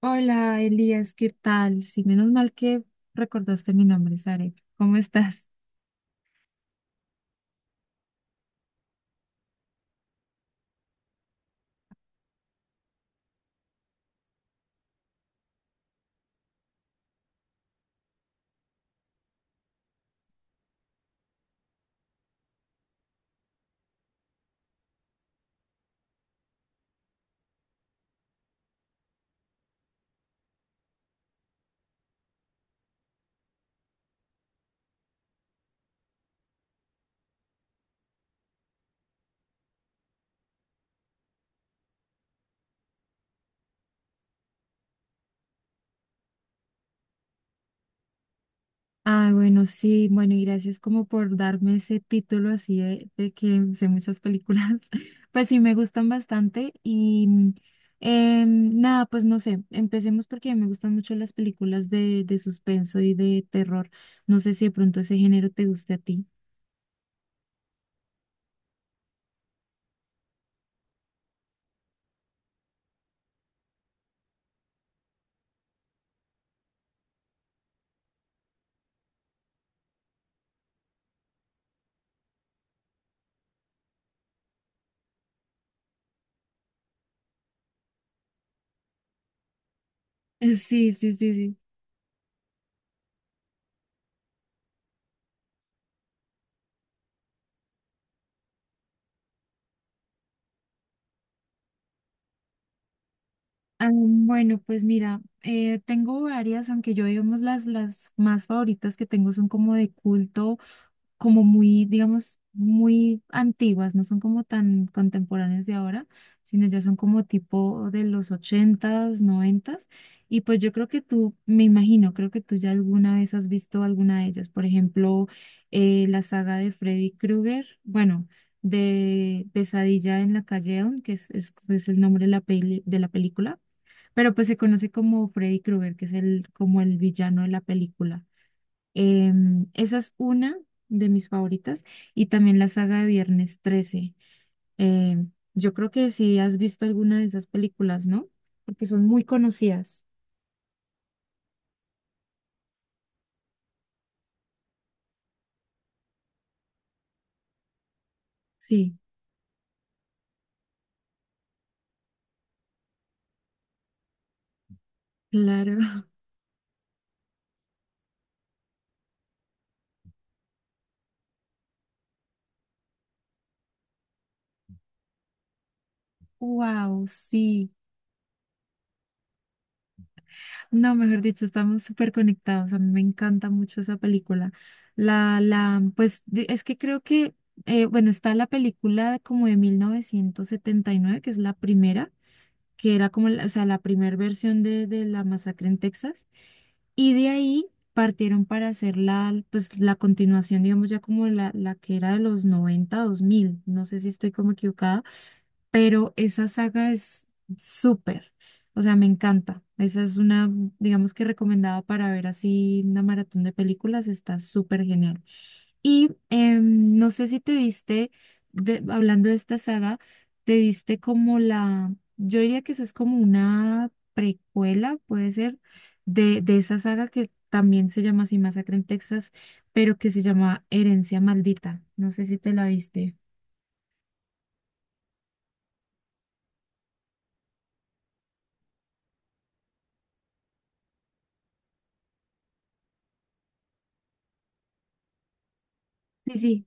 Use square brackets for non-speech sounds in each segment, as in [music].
Hola, Elías, ¿qué tal? Sí, menos mal que recordaste mi nombre, Sare. ¿Cómo estás? Ah, bueno, sí, bueno, y gracias como por darme ese título así de que sé muchas películas. [laughs] Pues sí, me gustan bastante y nada, pues no sé, empecemos porque me gustan mucho las películas de suspenso y de terror. No sé si de pronto ese género te guste a ti. [laughs] Sí, sí, sí, sí. Ah, bueno, pues mira, tengo varias, aunque yo digamos las más favoritas que tengo son como de culto, como muy, digamos, muy antiguas, no son como tan contemporáneas de ahora, sino ya son como tipo de los ochentas, noventas. Y pues yo creo que tú, me imagino, creo que tú ya alguna vez has visto alguna de ellas, por ejemplo, la saga de Freddy Krueger, bueno, de Pesadilla en la calle Elm, que es el nombre de la de la película, pero pues se conoce como Freddy Krueger, que es el, como el villano de la película. Esa es una de mis favoritas y también la saga de Viernes 13. Yo creo que si has visto alguna de esas películas, ¿no? Porque son muy conocidas. Sí, claro. [laughs] Wow, sí. No, mejor dicho, estamos súper conectados. A mí me encanta mucho esa película. La, pues es que creo que, bueno, está la película como de 1979, que es la primera, que era como, o sea, la primera versión de la masacre en Texas. Y de ahí partieron para hacer la, pues la continuación, digamos, ya como la que era de los noventa dos mil. No sé si estoy como equivocada, pero esa saga es súper, o sea, me encanta. Esa es una, digamos que recomendada para ver así una maratón de películas, está súper genial. Y no sé si te viste, hablando de esta saga, te viste como la, yo diría que eso es como una precuela, puede ser, de esa saga que también se llama así Masacre en Texas, pero que se llama Herencia Maldita. No sé si te la viste. Sí, sí,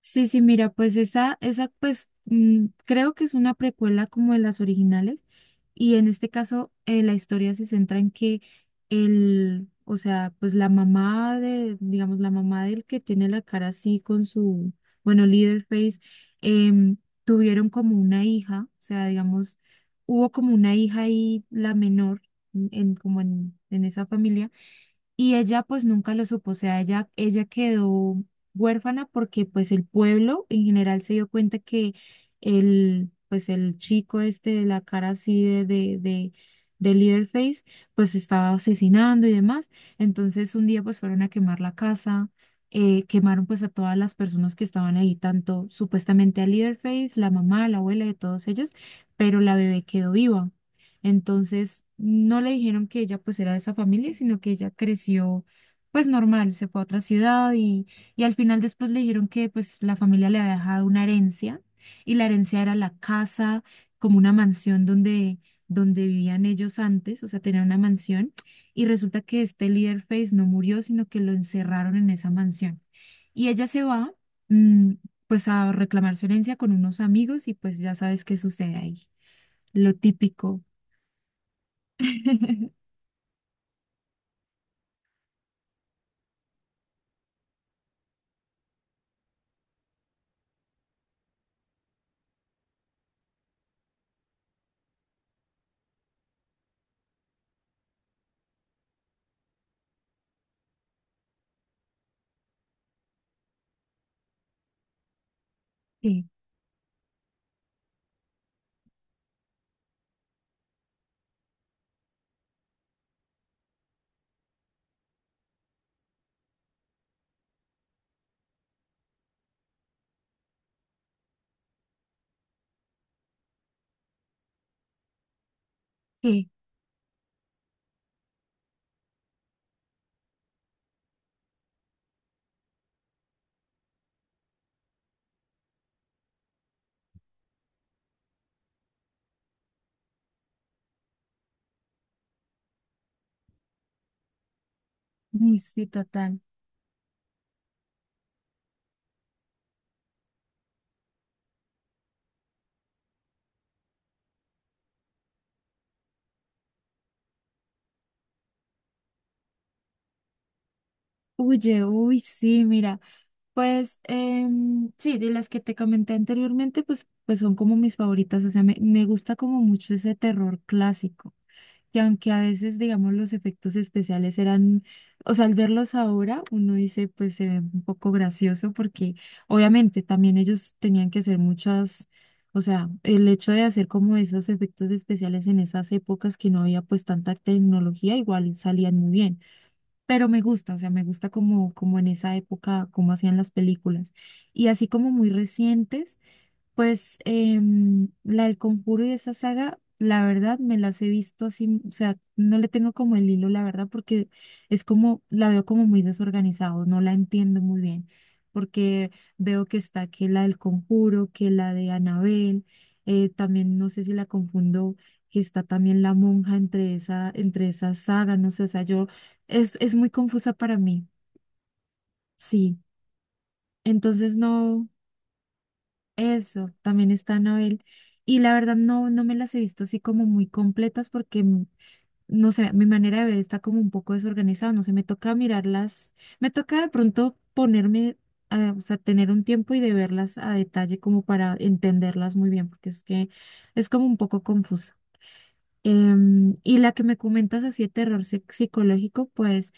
sí, sí, mira, pues esa, pues creo que es una precuela como de las originales y en este caso la historia se centra en que el, o sea, pues la mamá de, digamos, la mamá del que tiene la cara así con su, bueno, líder face, em, tuvieron como una hija, o sea, digamos, hubo como una hija y la menor como en esa familia, y ella pues nunca lo supo, o sea, ella quedó huérfana porque pues el pueblo en general se dio cuenta que el, pues el chico este de la cara así de Leatherface pues estaba asesinando y demás. Entonces un día pues fueron a quemar la casa, quemaron pues a todas las personas que estaban ahí, tanto supuestamente a Leatherface, la mamá, la abuela de todos ellos, pero la bebé quedó viva. Entonces, no le dijeron que ella pues era de esa familia, sino que ella creció pues normal, se fue a otra ciudad y al final después le dijeron que pues la familia le había dejado una herencia y la herencia era la casa, como una mansión donde vivían ellos antes, o sea, tenía una mansión y resulta que este Leatherface no murió, sino que lo encerraron en esa mansión. Y ella se va mm, pues a reclamar su herencia con unos amigos y pues ya sabes qué sucede ahí, lo típico. [laughs] Sí, sí, mm, sí, total. Oye, uy, sí, mira, pues sí, de las que te comenté anteriormente, pues, son como mis favoritas, o sea, me gusta como mucho ese terror clásico. Que aunque a veces, digamos, los efectos especiales eran, o sea, al verlos ahora, uno dice, pues se ve un poco gracioso porque obviamente también ellos tenían que hacer muchas, o sea, el hecho de hacer como esos efectos especiales en esas épocas que no había pues tanta tecnología, igual salían muy bien, pero me gusta, o sea, me gusta como en esa época, cómo hacían las películas. Y así como muy recientes. Pues la del Conjuro y esa saga, la verdad me las he visto así, o sea, no le tengo como el hilo, la verdad, porque es como, la veo como muy desorganizado, no la entiendo muy bien, porque veo que está que la del Conjuro, que la de Anabel, también no sé si la confundo, que está también la monja entre esa, saga, no sé, o sea, yo, es muy confusa para mí, sí, entonces no. Eso, también está Anabel. Y la verdad no me las he visto así como muy completas porque, no sé, mi manera de ver está como un poco desorganizada, no sé, me toca mirarlas, me toca de pronto ponerme, a, o sea, tener un tiempo y de verlas a detalle como para entenderlas muy bien, porque es que es como un poco confusa. Y la que me comentas así de terror psicológico, pues...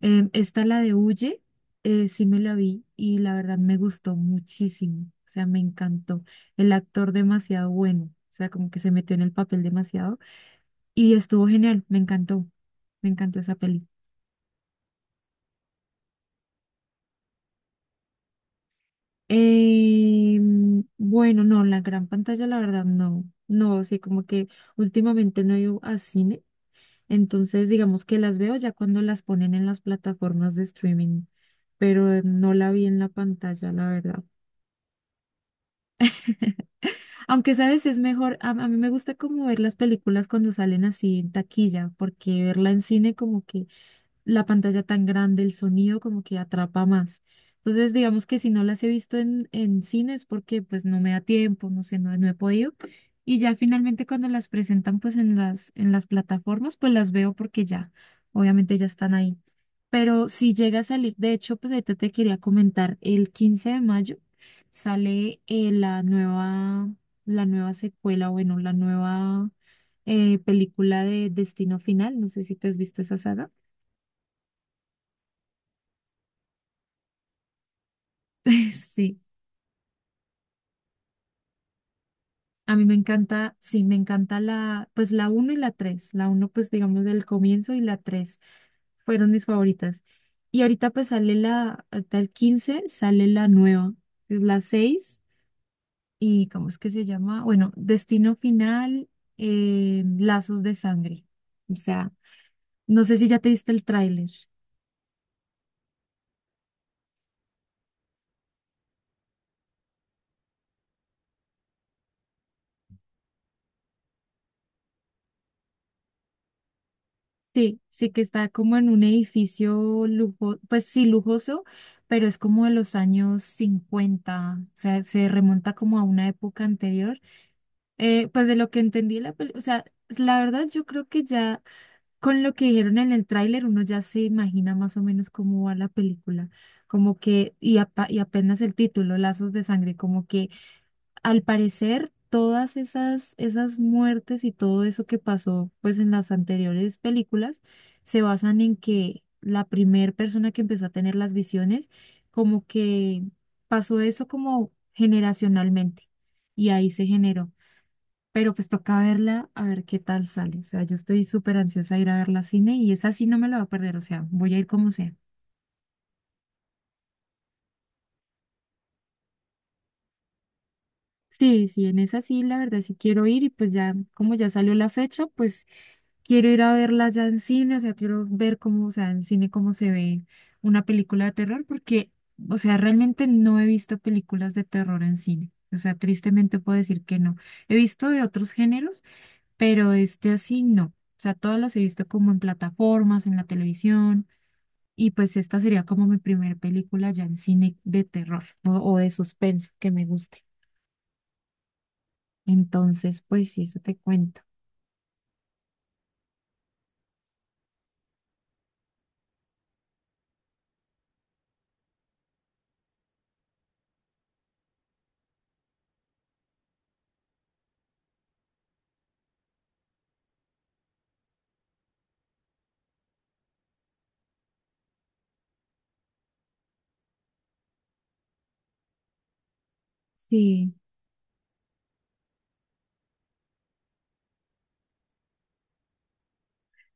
Esta, la de Huye, sí me la vi y la verdad me gustó muchísimo, o sea, me encantó. El actor demasiado bueno, o sea, como que se metió en el papel demasiado y estuvo genial, me encantó esa peli. Bueno, no, la gran pantalla, la verdad, no, no, sí, como que últimamente no he ido a cine, entonces digamos que las veo ya cuando las ponen en las plataformas de streaming, pero no la vi en la pantalla, la verdad. Aunque, ¿sabes? Es mejor, a mí me gusta como ver las películas cuando salen así en taquilla, porque verla en cine como que la pantalla tan grande, el sonido como que atrapa más. Entonces, digamos que si no las he visto en cine es porque pues no me da tiempo, no sé, no he podido. Y ya finalmente cuando las presentan pues en las, plataformas, pues las veo porque ya, obviamente ya están ahí. Pero si llega a salir, de hecho, pues ahorita te quería comentar, el 15 de mayo sale la nueva, secuela, bueno, la nueva película de Destino Final, no sé si te has visto esa saga. [laughs] Sí, a mí me encanta, sí, me encanta la, pues la uno y la 3. La uno, pues digamos del comienzo y la 3 fueron mis favoritas. Y ahorita pues sale la, hasta el 15 sale la nueva, que es la 6 y ¿cómo es que se llama? Bueno, Destino Final, Lazos de Sangre. O sea, no sé si ya te viste el tráiler. Sí, sí que está como en un edificio lujo, pues sí lujoso, pero es como de los años cincuenta, o sea, se remonta como a una época anterior. Pues de lo que entendí de la película, o sea, la verdad yo creo que ya con lo que dijeron en el tráiler uno ya se imagina más o menos cómo va la película, como que, y apenas el título, Lazos de Sangre, como que al parecer, todas esas muertes y todo eso que pasó pues en las anteriores películas se basan en que la primer persona que empezó a tener las visiones, como que pasó eso como generacionalmente y ahí se generó. Pero pues toca verla a ver qué tal sale. O sea, yo estoy súper ansiosa de ir a verla al cine y esa sí no me la va a perder. O sea, voy a ir como sea. Sí, sí, en esa sí, la verdad sí quiero ir y pues ya, como ya salió la fecha, pues quiero ir a verla ya en cine, o sea, quiero ver cómo, o sea, en cine cómo se ve una película de terror, porque, o sea, realmente no he visto películas de terror en cine. O sea, tristemente puedo decir que no. He visto de otros géneros, pero de este así no. O sea, todas las he visto como en plataformas, en la televisión, y pues esta sería como mi primera película ya en cine de terror o de suspenso que me guste. Entonces, pues sí, eso te cuento. Sí.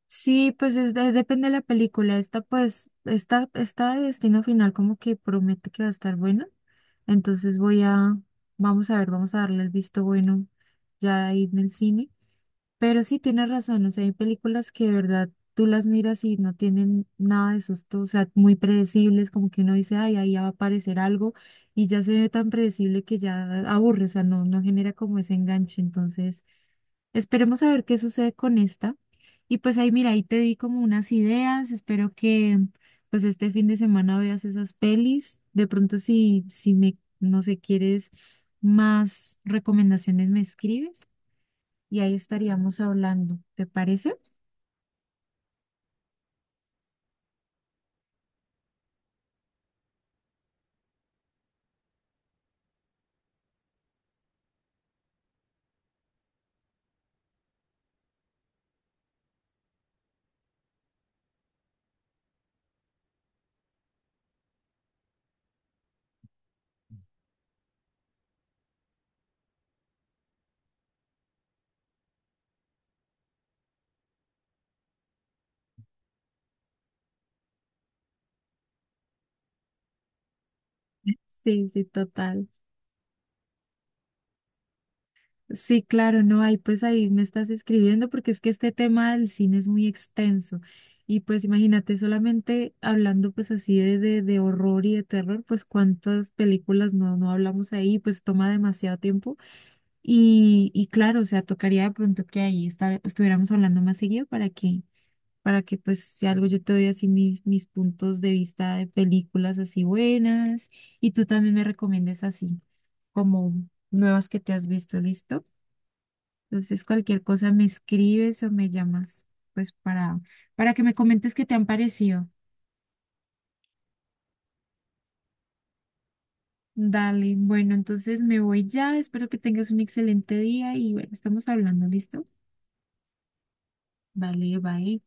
Sí, pues es depende de la película. Esta, pues, esta de Destino Final como que promete que va a estar buena. Entonces voy a, vamos a ver, vamos a darle el visto bueno ya ahí en el cine. Pero sí tienes razón, o sea, hay películas que de verdad tú las miras y no tienen nada de susto, o sea, muy predecibles, como que uno dice, ay, ahí ya va a aparecer algo y ya se ve tan predecible que ya aburre, o sea, no genera como ese enganche. Entonces... Esperemos a ver qué sucede con esta. Y pues ahí, mira, ahí te di como unas ideas. Espero que pues este fin de semana veas esas pelis. De pronto si me, no sé, quieres más recomendaciones, me escribes y ahí estaríamos hablando. ¿Te parece? Sí, sí, total. Sí, claro, no, ahí pues ahí me estás escribiendo porque es que este tema del cine es muy extenso y pues imagínate solamente hablando pues así de horror y de terror, pues cuántas películas no hablamos ahí, pues toma demasiado tiempo y claro, o sea, tocaría de pronto que ahí estar, estuviéramos hablando más seguido para que, pues si algo yo te doy así mis puntos de vista de películas así buenas y tú también me recomiendes así como nuevas que te has visto, ¿listo? Entonces, cualquier cosa me escribes o me llamas, pues para que me comentes qué te han parecido. Dale, bueno, entonces me voy ya. Espero que tengas un excelente día y bueno, estamos hablando, ¿listo? Vale, bye.